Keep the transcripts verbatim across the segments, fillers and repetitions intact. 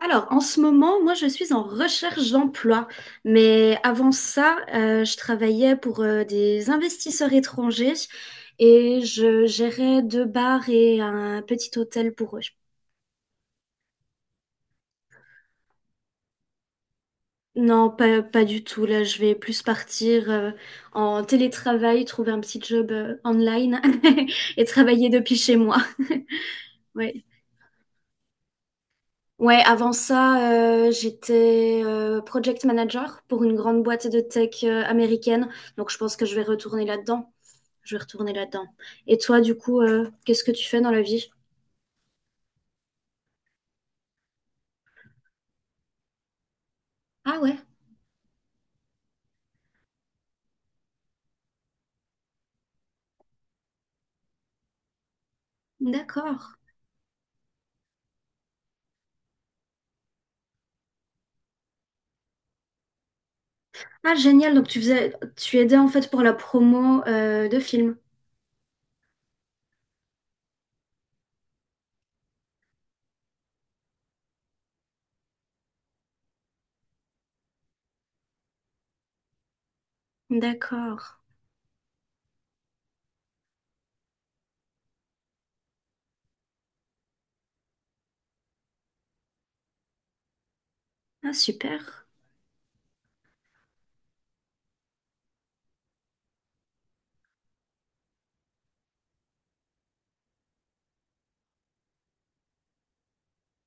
Alors, en ce moment, moi, je suis en recherche d'emploi. Mais avant ça, euh, je travaillais pour euh, des investisseurs étrangers et je gérais deux bars et un petit hôtel pour eux. Non, pas, pas du tout. Là, je vais plus partir euh, en télétravail, trouver un petit job euh, online et travailler depuis chez moi. Ouais. Ouais, avant ça, euh, j'étais euh, project manager pour une grande boîte de tech euh, américaine. Donc, je pense que je vais retourner là-dedans. Je vais retourner là-dedans. Et toi, du coup, euh, qu'est-ce que tu fais dans la vie? Ah ouais, d'accord. Ah, génial. Donc, tu faisais, tu aidais en fait pour la promo euh, de films. D'accord. Ah, super.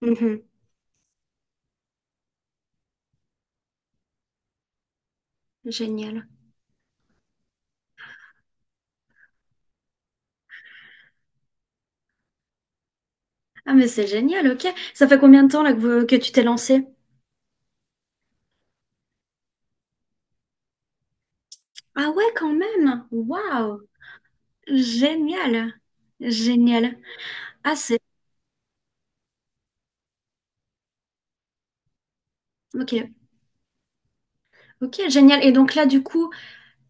Mhm. Génial. Ah, mais c'est génial, ok. Ça fait combien de temps là que, vous- que tu t'es lancé? Ah ouais, quand même. Waouh. Génial. Génial. Ah, c'est... Ok, ok, génial. Et donc là, du coup,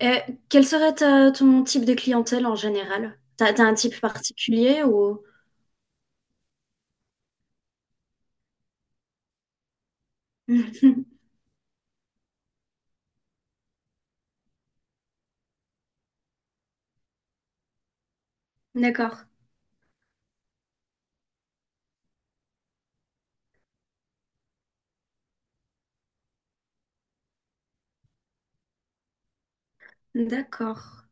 euh, quel serait ta- ton type de clientèle en général? T'as, t'as un type particulier ou... D'accord, d'accord.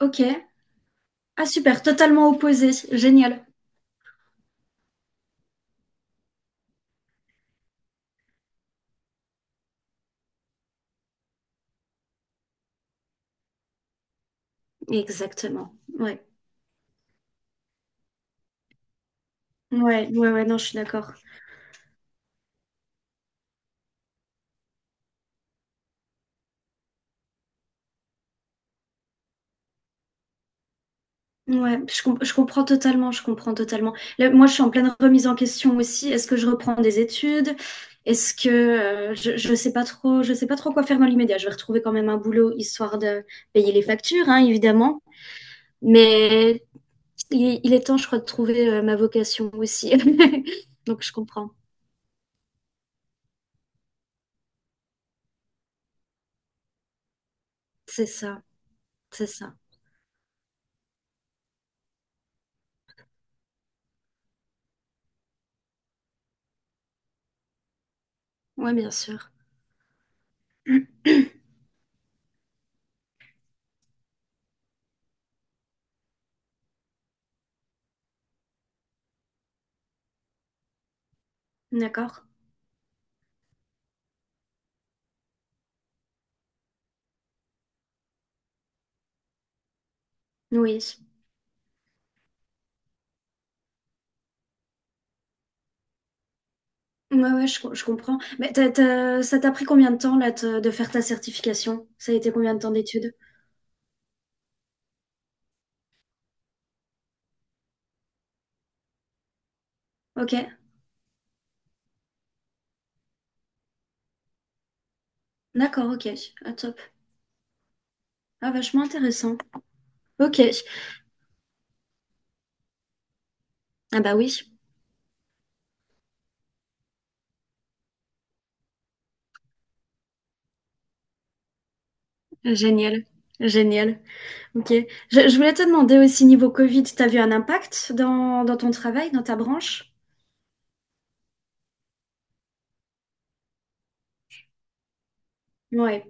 Ok. Ah, super, totalement opposé. Génial. Exactement. Ouais, ouais, ouais, ouais, non, je suis d'accord. Ouais, je, com- je comprends totalement, je comprends totalement. Là, moi, je suis en pleine remise en question aussi. Est-ce que je reprends des études? Est-ce que euh, je, je sais pas trop, je sais pas trop quoi faire dans l'immédiat. Je vais retrouver quand même un boulot histoire de payer les factures, hein, évidemment. Mais il, il est temps, je crois, de trouver euh, ma vocation aussi. Donc, je comprends. C'est ça, c'est ça. Ouais, bien sûr. D'accord. Oui. Ouais, ouais, je, co- je comprends. Mais t'as- t'as- ça t'a pris combien de temps là te- de faire ta certification? Ça a été combien de temps d'études? Ok, d'accord, ok, ah, top. Ah, vachement intéressant. Ok, ah bah oui, génial, génial. Ok, je, je voulais te demander aussi niveau Covid, t'as vu un impact dans, dans ton travail, dans ta branche? Ouais,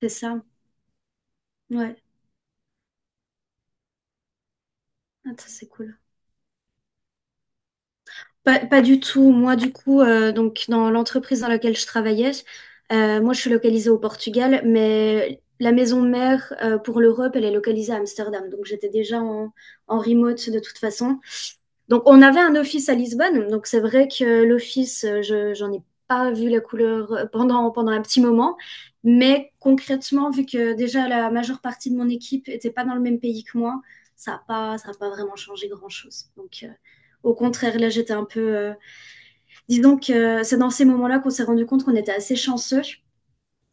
c'est ça, ouais. Ah, ça, c'est cool. Pas, pas du tout, moi du coup, euh, donc dans l'entreprise dans laquelle je travaillais, euh, moi je suis localisée au Portugal, mais la maison mère euh, pour l'Europe, elle est localisée à Amsterdam, donc j'étais déjà en, en remote de toute façon. Donc, on avait un office à Lisbonne. Donc, c'est vrai que l'office, euh, je, j'en ai pas vu la couleur euh, pendant, pendant un petit moment. Mais concrètement, vu que déjà la majeure partie de mon équipe était pas dans le même pays que moi, ça n'a pas, ça a pas vraiment changé grand-chose. Donc, euh, au contraire, là, j'étais un peu. euh, Dis donc, euh, c'est dans ces moments-là qu'on s'est rendu compte qu'on était assez chanceux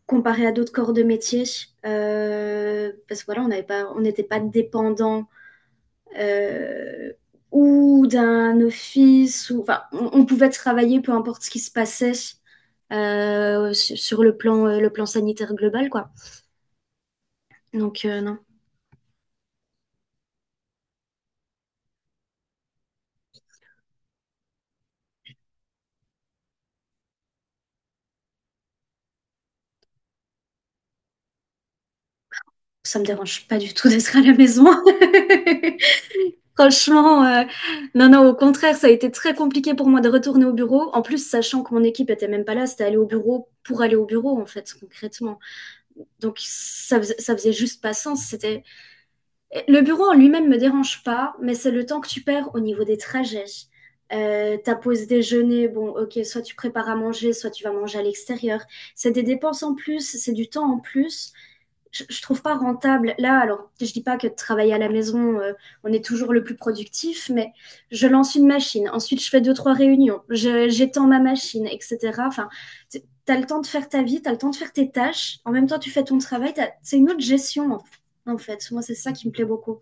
comparé à d'autres corps de métier. Euh, parce que voilà, on n'avait pas, on n'était pas dépendant euh, ou d'un office. Ou, enfin, on, on pouvait travailler peu importe ce qui se passait euh, sur, sur le, plan, euh, le plan sanitaire global. Quoi. Donc euh, non, ça me dérange pas du tout d'être à la maison. Franchement, euh, non, non, au contraire, ça a été très compliqué pour moi de retourner au bureau. En plus, sachant que mon équipe était même pas là, c'était aller au bureau pour aller au bureau, en fait, concrètement. Donc, ça faisait, ça faisait juste pas sens. C'était, le bureau en lui-même me dérange pas, mais c'est le temps que tu perds au niveau des trajets. Euh, ta pause déjeuner, bon, ok, soit tu prépares à manger, soit tu vas manger à l'extérieur. C'est des dépenses en plus, c'est du temps en plus je, je trouve pas rentable. Là, alors, je dis pas que de travailler à la maison, euh, on est toujours le plus productif, mais je lance une machine, ensuite je fais deux, trois réunions, je- j'étends ma machine, et cetera. Enfin, t'as le temps de faire ta vie, t'as le temps de faire tes tâches, en même temps tu fais ton travail, t'as- c'est une autre gestion, en, fait. en fait. Moi, c'est ça qui me plaît beaucoup.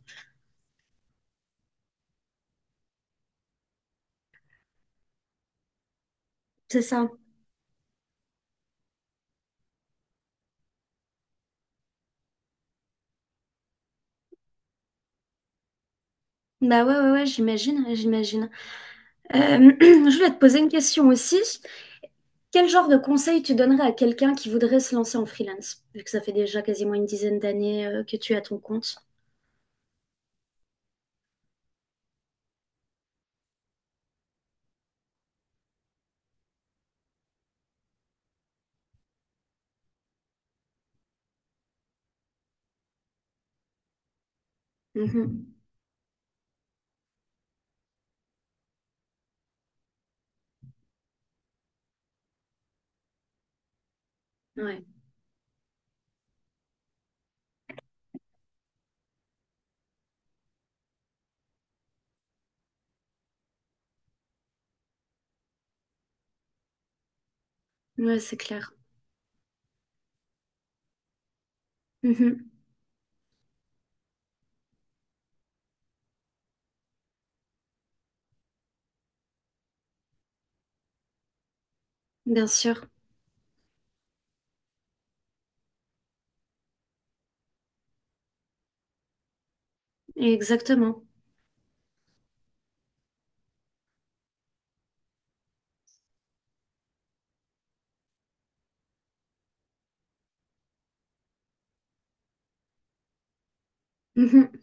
C'est ça. Bah ouais, ouais, ouais, j'imagine, j'imagine. Euh, je voulais te poser une question aussi. Quel genre de conseil tu donnerais à quelqu'un qui voudrait se lancer en freelance, vu que ça fait déjà quasiment une dizaine d'années euh, que tu es à ton compte? Mhm. Ouais, ouais, c'est clair. Mhm. Bien sûr, exactement. Mhm.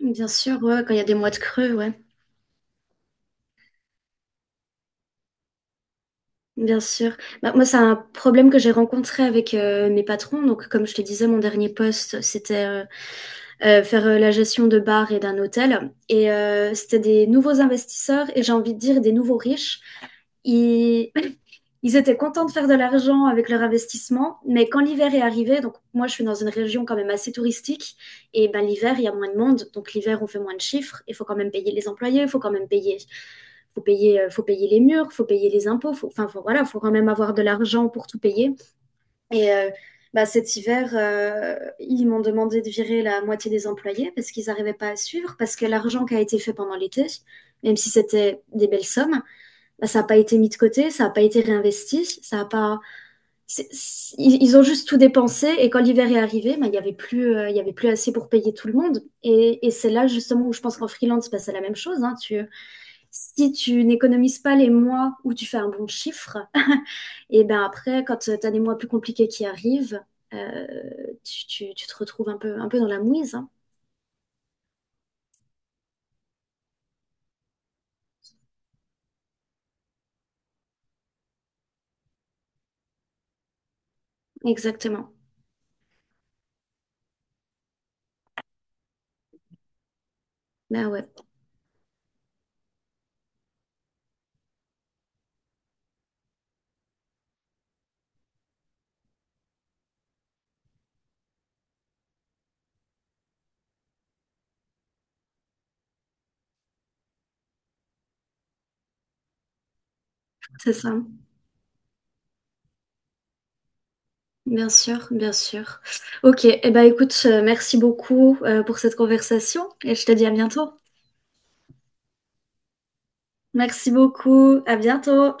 Bien sûr, ouais, quand il y a des mois de creux, ouais. Bien sûr. Bah, moi, c'est un problème que j'ai rencontré avec euh, mes patrons. Donc, comme je te disais, mon dernier poste, c'était euh, euh, faire euh, la gestion de bars et d'un hôtel. Et euh, c'était des nouveaux investisseurs et j'ai envie de dire des nouveaux riches ils, ils étaient contents de faire de l'argent avec leur investissement, mais quand l'hiver est arrivé, donc moi je suis dans une région quand même assez touristique, et ben l'hiver il y a moins de monde, donc l'hiver on fait moins de chiffres, il faut quand même payer les employés, il faut quand même payer, faut payer, euh, faut payer les murs, faut payer les impôts, faut, enfin faut- voilà, faut quand même avoir de l'argent pour tout payer. Et euh, bah, cet hiver, euh, ils m'ont demandé de virer la moitié des employés parce qu'ils n'arrivaient pas à suivre, parce que l'argent qui a été fait pendant l'été, même si c'était des belles sommes, bah, ça n'a pas été mis de côté, ça n'a pas été réinvesti, ça a pas. C'est- c'est- ils ont juste tout dépensé et quand l'hiver est arrivé, bah, il n'y avait plus, euh, il y avait plus assez pour payer tout le monde. Et, et c'est là justement où je pense qu'en freelance, bah, c'est la même chose. Hein. Tu, si tu n'économises pas les mois où tu fais un bon chiffre, et ben après, quand tu as des mois plus compliqués qui arrivent, euh, tu, tu- tu te retrouves un peu, un peu dans la mouise. Hein. Exactement. Ben ouais, c'est ça. Bien sûr, bien sûr. Ok, eh ben écoute, euh, merci beaucoup euh, pour cette conversation et je te dis à bientôt. Merci beaucoup, à bientôt.